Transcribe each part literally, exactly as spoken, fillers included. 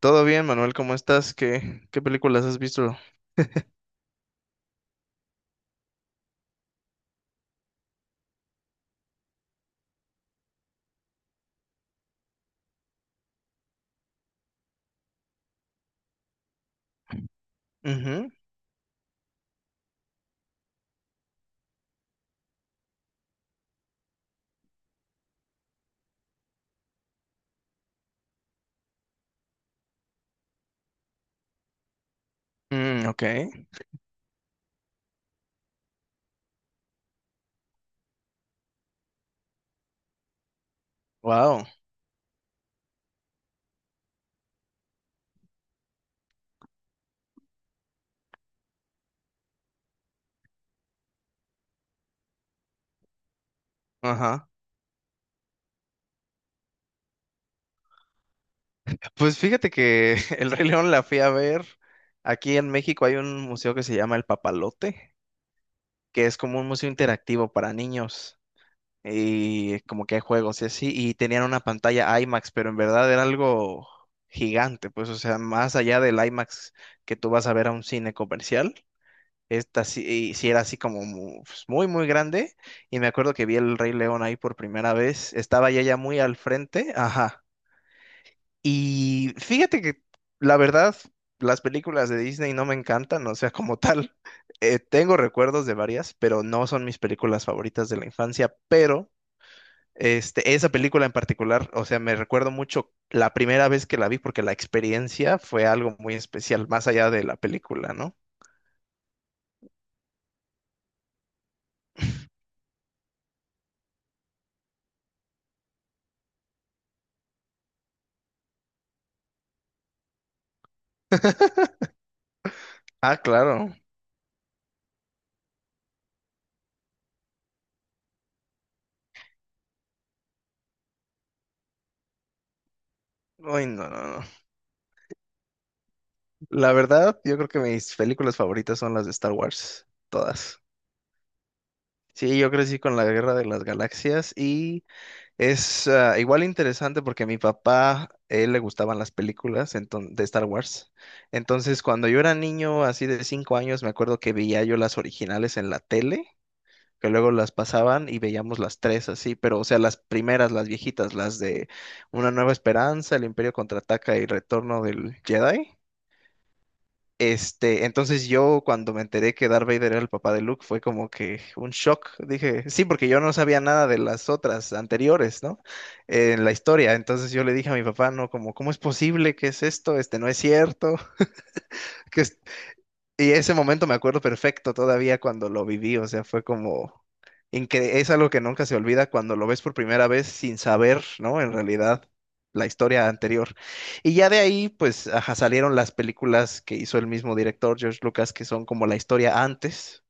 Todo bien, Manuel, ¿cómo estás? ¿Qué, qué películas has visto? Ujú. Mm, ok, wow, ajá. Pues fíjate que El Rey León la fui a ver. Aquí en México hay un museo que se llama El Papalote, que es como un museo interactivo para niños y como que hay juegos y así. Y tenían una pantalla IMAX, pero en verdad era algo gigante, pues, o sea, más allá del IMAX que tú vas a ver a un cine comercial. Esta sí, sí era así como mu- pues, muy, muy grande. Y me acuerdo que vi el Rey León ahí por primera vez. Estaba ya ya muy al frente. Ajá. Y fíjate que la verdad, las películas de Disney no me encantan. O sea, como tal, eh, tengo recuerdos de varias, pero no son mis películas favoritas de la infancia. Pero este, esa película en particular, o sea, me recuerdo mucho la primera vez que la vi porque la experiencia fue algo muy especial, más allá de la película, ¿no? Ah, claro. Uy, no, no, no. La verdad, yo creo que mis películas favoritas son las de Star Wars, todas. Sí, yo crecí con la Guerra de las Galaxias y es ah, igual interesante porque a mi papá, él le gustaban las películas enton- de Star Wars. Entonces, cuando yo era niño, así de cinco años, me acuerdo que veía yo las originales en la tele, que luego las pasaban y veíamos las tres así, pero o sea, las primeras, las viejitas, las de Una Nueva Esperanza, El Imperio Contraataca y Retorno del Jedi. Este, entonces yo cuando me enteré que Darth Vader era el papá de Luke fue como que un shock. Dije, sí, porque yo no sabía nada de las otras anteriores, ¿no? Eh, En la historia. Entonces yo le dije a mi papá, no, como, ¿cómo es posible? ¿Qué es esto? Este no es cierto. ¿Qué, es- y ese momento me acuerdo perfecto todavía cuando lo viví, o sea, fue como incre- es algo que nunca se olvida cuando lo ves por primera vez sin saber, ¿no? En realidad, la historia anterior. Y ya de ahí, pues, ajá, salieron las películas que hizo el mismo director, George Lucas, que son como la historia antes,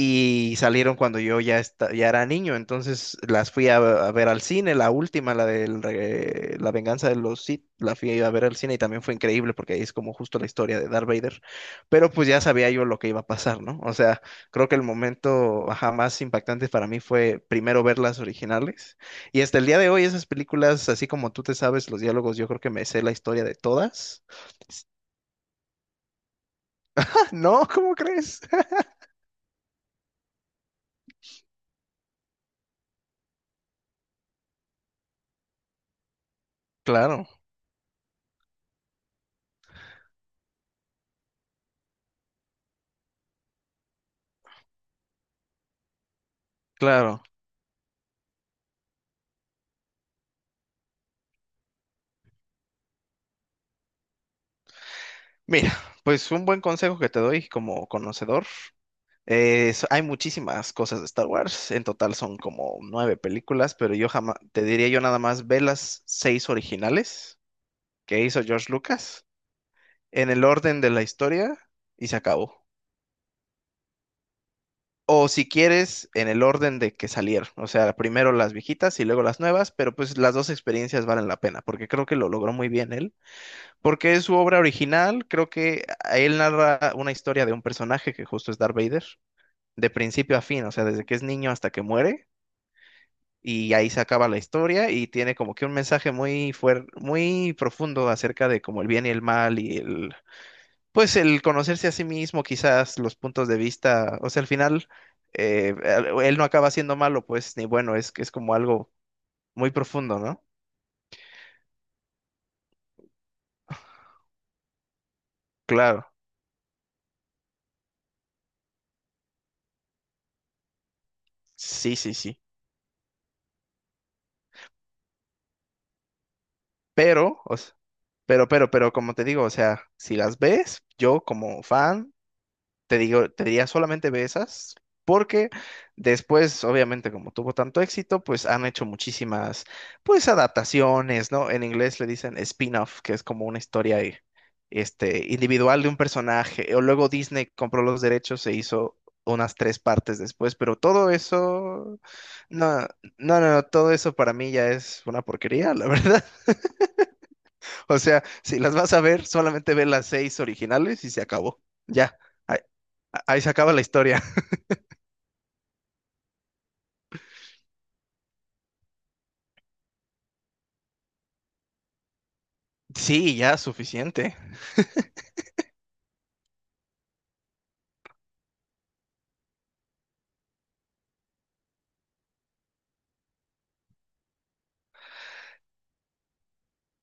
y salieron cuando yo ya, esta- ya era niño, entonces las fui a, a ver al cine, la última, la de La Venganza de los Sith, la fui a ver al cine y también fue increíble porque ahí es como justo la historia de Darth Vader, pero pues ya sabía yo lo que iba a pasar, ¿no? O sea, creo que el momento, ajá, más impactante para mí fue primero ver las originales y hasta el día de hoy esas películas, así como tú te sabes los diálogos, yo creo que me sé la historia de todas. No, ¿cómo crees? Claro, claro. Mira, pues un buen consejo que te doy como conocedor. Es- hay muchísimas cosas de Star Wars, en total son como nueve películas, pero yo jamás, te diría yo nada más ve las seis originales que hizo George Lucas en el orden de la historia y se acabó. O si quieres, en el orden de que salieron, o sea, primero las viejitas y luego las nuevas, pero pues las dos experiencias valen la pena, porque creo que lo logró muy bien él, porque es su obra original, creo que a él narra una historia de un personaje que justo es Darth Vader de principio a fin, o sea, desde que es niño hasta que muere, y ahí se acaba la historia y tiene como que un mensaje muy fuerte, muy profundo acerca de como el bien y el mal y el, pues el conocerse a sí mismo, quizás los puntos de vista, o sea, al final eh, él él no acaba siendo malo, pues, ni bueno, es que es como algo muy profundo, ¿no? Claro, sí, sí, sí, pero, o s- pero, pero, pero, como te digo, o sea, si las ves, yo como fan Te digo, te diría solamente ve esas, porque después, obviamente, como tuvo tanto éxito, pues han hecho muchísimas, pues, adaptaciones, ¿no? En inglés le dicen spin-off, que es como una historia, eh, este, individual de un personaje. O luego Disney compró los derechos, se hizo unas tres partes después, pero todo eso, no, no, no, no, todo eso para mí ya es una porquería, la verdad. O sea, si las vas a ver, solamente ve las seis originales y se acabó. Ya, ahí, ahí se acaba la historia. Sí, ya, suficiente.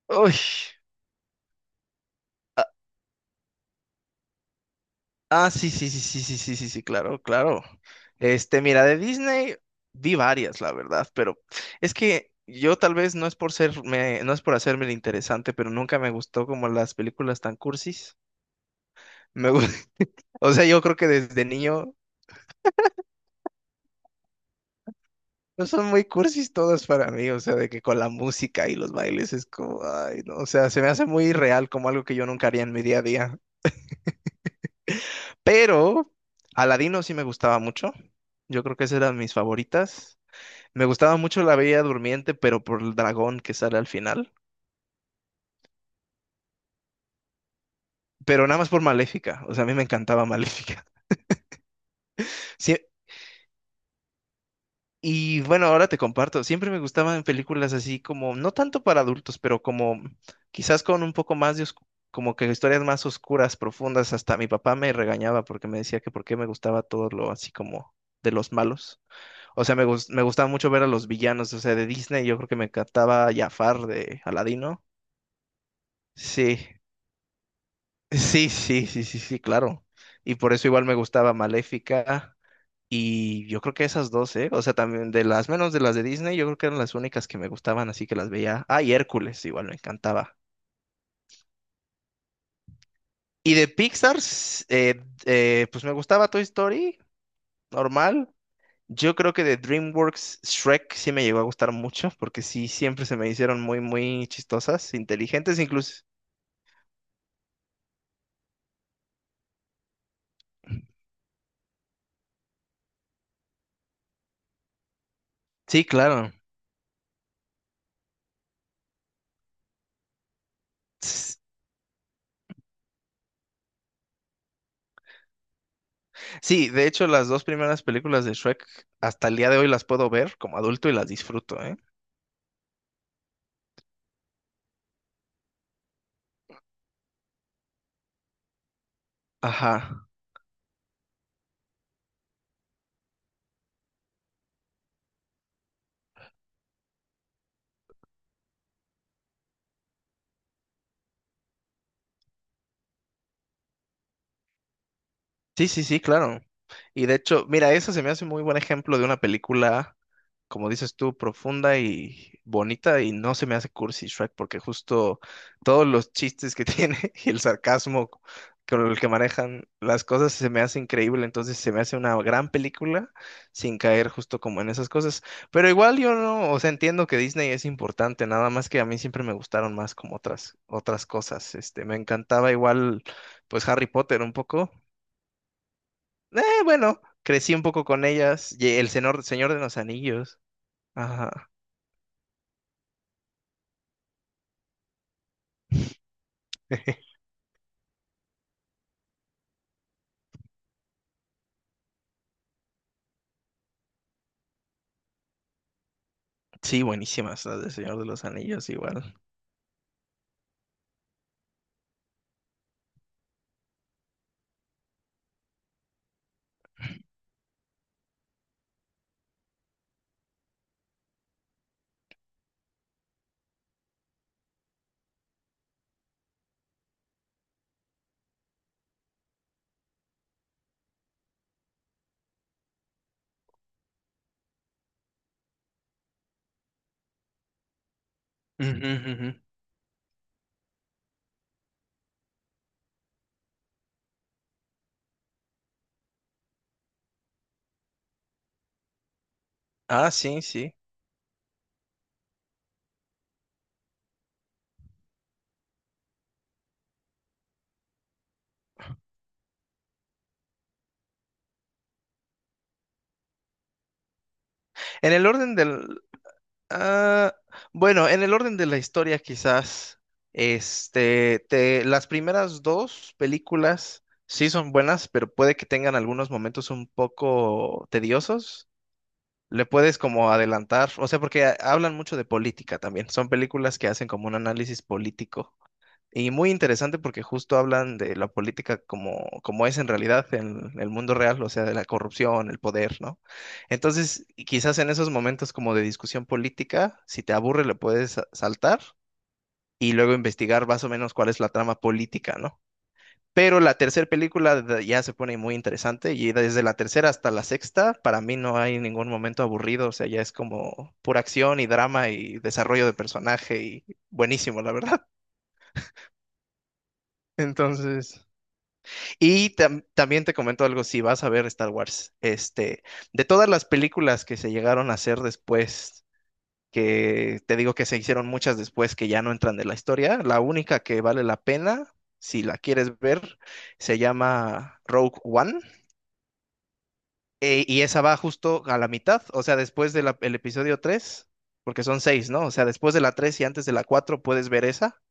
Uy. Ah, sí, sí, sí, sí, sí, sí, sí, sí, claro, claro. Este, mira, de Disney vi varias, la verdad, pero es que yo tal vez no es por ser, me- no es por hacerme el interesante, pero nunca me gustó como las películas tan cursis. Me, gu- o sea, yo creo que desde niño no son muy cursis todas para mí, o sea, de que con la música y los bailes es como, ay, no, o sea, se me hace muy real como algo que yo nunca haría en mi día a día. Pero Aladino sí me gustaba mucho. Yo creo que esas eran mis favoritas. Me gustaba mucho La Bella Durmiente, pero por el dragón que sale al final. Pero nada más por Maléfica. O sea, a mí me encantaba Maléfica. Sí, y bueno, ahora te comparto. Siempre me gustaban películas así como, no tanto para adultos, pero como quizás con un poco más de oscu- como que historias más oscuras, profundas. Hasta mi papá me regañaba porque me decía que por qué me gustaba todo lo así como de los malos. O sea, me, gus- me gustaba mucho ver a los villanos, o sea, de Disney. Yo creo que me encantaba Jafar de Aladino. Sí, sí, sí, sí, sí, sí, claro. Y por eso igual me gustaba Maléfica. Y yo creo que esas dos, ¿eh? O sea, también de las menos de las de Disney, yo creo que eran las únicas que me gustaban, así que las veía. Ah, y Hércules, igual me encantaba. Y de Pixar, s- eh, eh, pues me gustaba Toy Story, normal. Yo creo que de DreamWorks Shrek sí me llegó a gustar mucho, porque sí, siempre se me hicieron muy, muy chistosas, inteligentes incluso. Sí, claro. S- Sí, de hecho las dos primeras películas de Shrek hasta el día de hoy las puedo ver como adulto y las disfruto, ¿eh? Ajá. Sí, sí, sí, claro. Y de hecho, mira, eso se me hace muy buen ejemplo de una película, como dices tú, profunda y bonita, y no se me hace cursi Shrek, porque justo todos los chistes que tiene y el sarcasmo con el que manejan las cosas se me hace increíble, entonces se me hace una gran película sin caer justo como en esas cosas. Pero igual yo no, o sea, entiendo que Disney es importante, nada más que a mí siempre me gustaron más como otras, otras cosas. Este, me encantaba igual, pues Harry Potter un poco. Eh, bueno, crecí un poco con ellas. Y el Señor, Señor de los Anillos. Ajá. Sí, buenísimas las del Señor de los Anillos, igual. Ujú, ujú. Ah, sí, sí. En el orden del... ah, bueno, en el orden de la historia quizás, este, te- las primeras dos películas sí son buenas, pero puede que tengan algunos momentos un poco tediosos, le puedes como adelantar, o sea, porque ha- hablan mucho de política también. Son películas que hacen como un análisis político. Y muy interesante porque justo hablan de la política como, como es en realidad en el mundo real, o sea, de la corrupción, el poder, ¿no? Entonces, y quizás en esos momentos como de discusión política, si te aburre, le puedes sa- saltar y luego investigar más o menos cuál es la trama política, ¿no? Pero la tercera película de- ya se pone muy interesante y desde la tercera hasta la sexta, para mí no hay ningún momento aburrido, o sea, ya es como pura acción y drama y desarrollo de personaje y buenísimo, la verdad. Entonces, y tam- también te comento algo, si vas a ver Star Wars, este, de todas las películas que se llegaron a hacer después, que te digo que se hicieron muchas después que ya no entran de la historia, la única que vale la pena, si la quieres ver, se llama Rogue One. Eh, y esa va justo a la mitad, o sea, después del episodio tres, porque son seis, ¿no? O sea, después de la tres y antes de la cuatro puedes ver esa,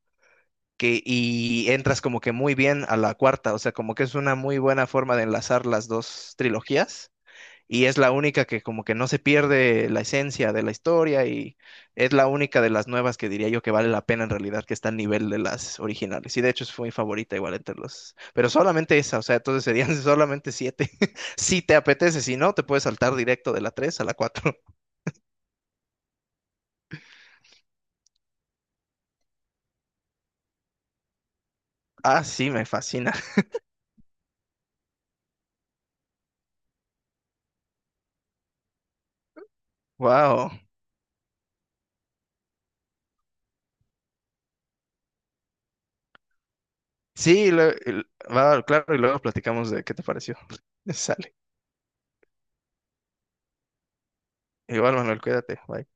que, y entras como que muy bien a la cuarta, o sea, como que es una muy buena forma de enlazar las dos trilogías y es la única que como que no se pierde la esencia de la historia y es la única de las nuevas que diría yo que vale la pena en realidad, que está al nivel de las originales. Y de hecho es mi favorita igual entre los... Pero solamente esa, o sea, entonces serían solamente siete. Si te apetece, si no, te puedes saltar directo de la tres a la cuatro. Ah, sí, me fascina. Wow. Sí, lo- el- va, claro, y luego platicamos de qué te pareció. Sale. Igual, Manuel, cuídate. Bye.